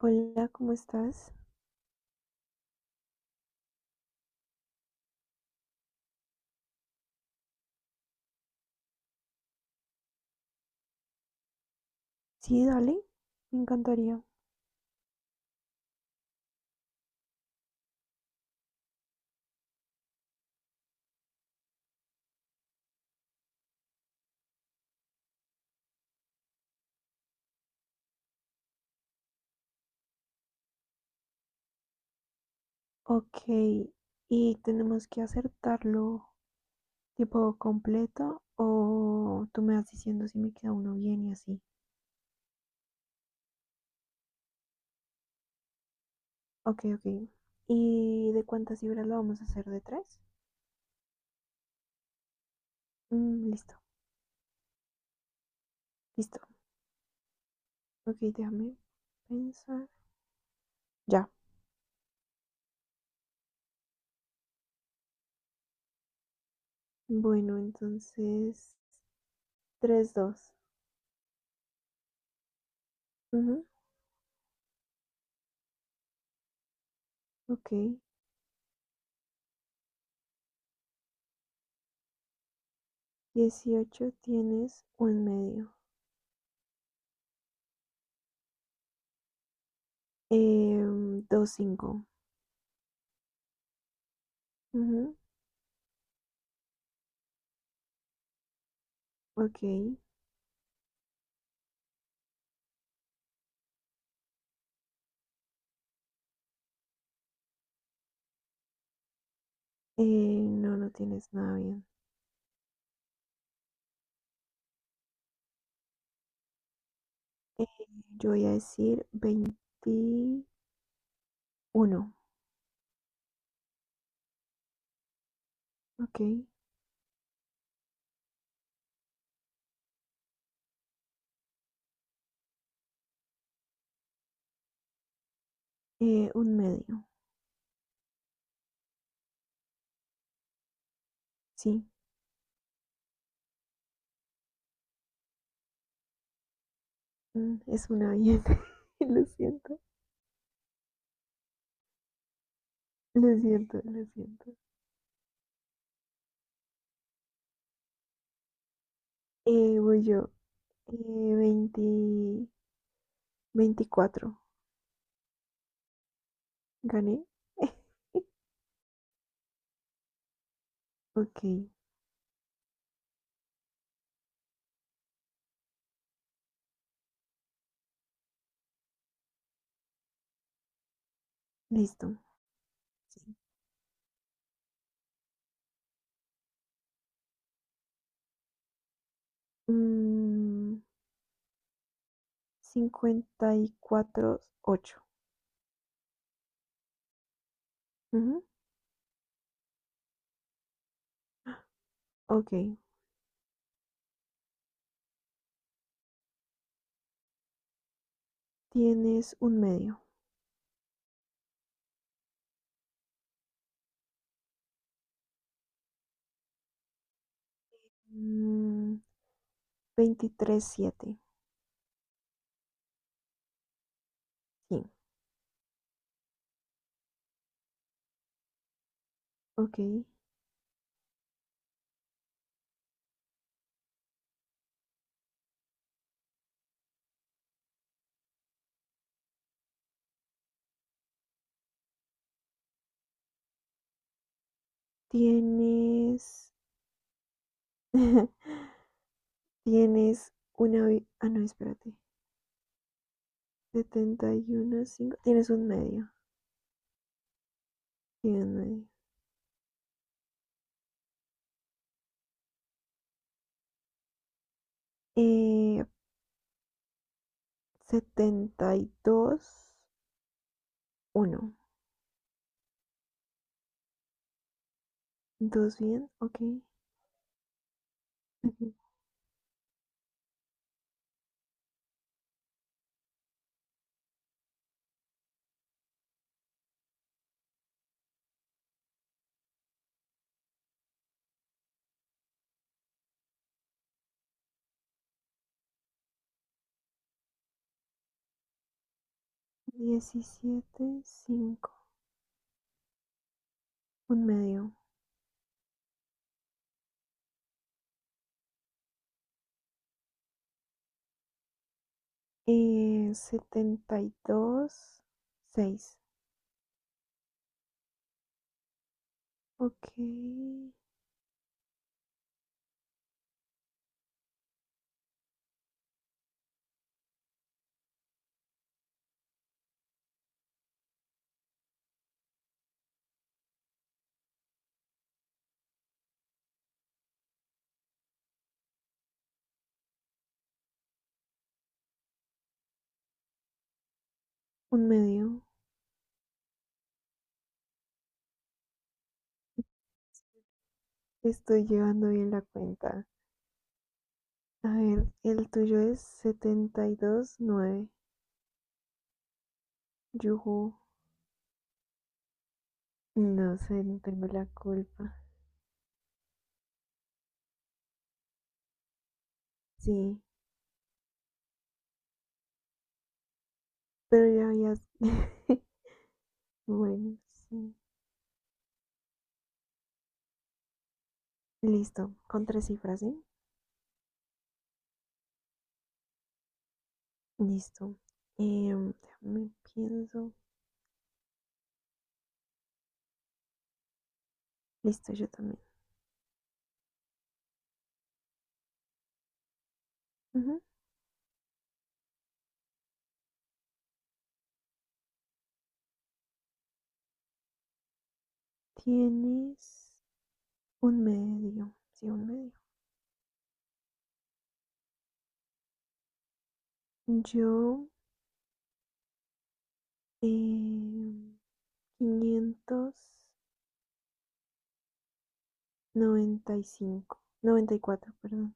Hola, ¿cómo estás? Sí, dale, me encantaría. Ok, ¿y tenemos que acertarlo tipo completo o tú me vas diciendo si me queda uno bien y así? Ok, ok. ¿Y de cuántas libras lo vamos a hacer? ¿De tres? Listo, listo. Ok, déjame pensar. Ya. Bueno, entonces, tres, dos. Ujú. Ok, 18 tienes un medio. Eh, dos, cinco. Ujú. Ok, no, no tienes nada bien. Eh, yo voy a decir 21. Ok, un medio. Sí, es una bien. Lo siento, lo siento, lo siento. Voy yo. 20 24, gané. Ok, listo, sí. Mm, 54 ocho. Ujú. Ok, tienes un medio. Mm, 23-7. Sí, ok. Tienes. Tienes una. Ah, no, espérate. 71-5. Tienes un medio. Tienes un medio. Eh, 72-1. ¿Dos uno? ¿Dos bien? Ok. Ujú. 17-5. Un medio. Setenta y dos seis. Ok. Un medio. Estoy llevando bien la cuenta. A ver, el tuyo es 72-9. Yujú. No sé, no tengo la culpa. Sí, pero ya habías. Bueno, sí. Listo, con tres cifras, ¿sí? Listo. Eh, déjame pienso. Listo, yo también. Ujú. Tienes un medio. Sí, un medio. Yo, eh, 595, 94, perdón.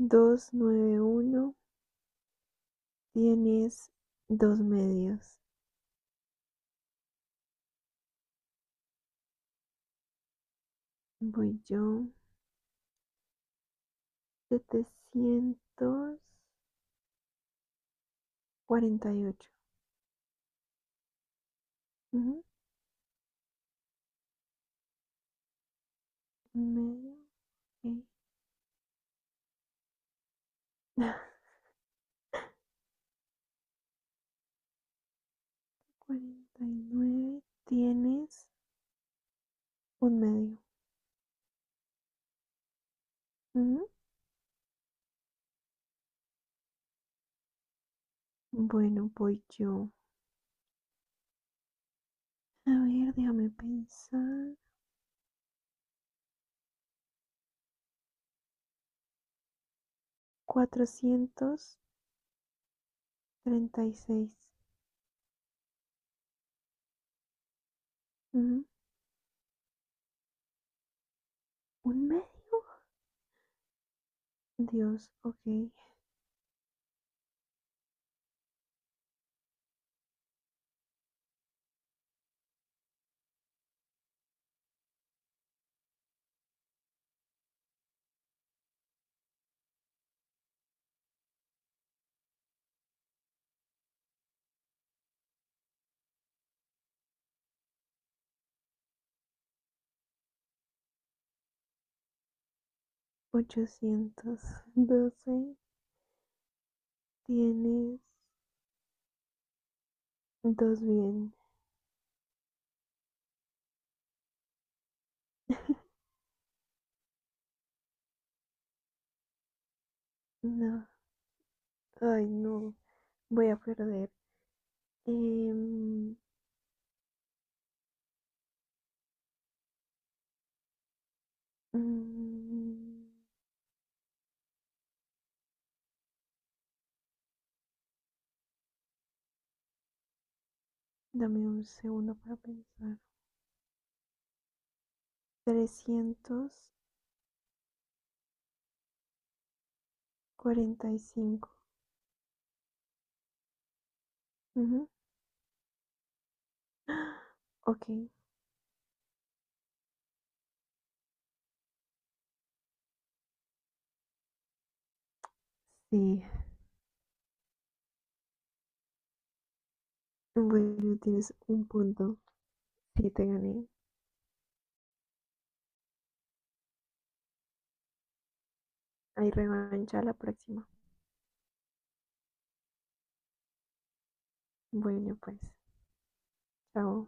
291 tienes dos medios. Voy yo. 748. Ujú. Un medio. Ok. 49 tienes un medio. Ujú. Bueno, voy yo. A ver, déjame pensar. 436. Ujú. Un medio. Dios, ok. 812 tienes dos bien. No. Ay, no. Voy a perder. Em, mm, dame un segundo para pensar. 345. Ujú. Ok. Sí. Bueno, tienes un punto. Sí, te gané. Hay revancha la próxima. Bueno, pues. Chao.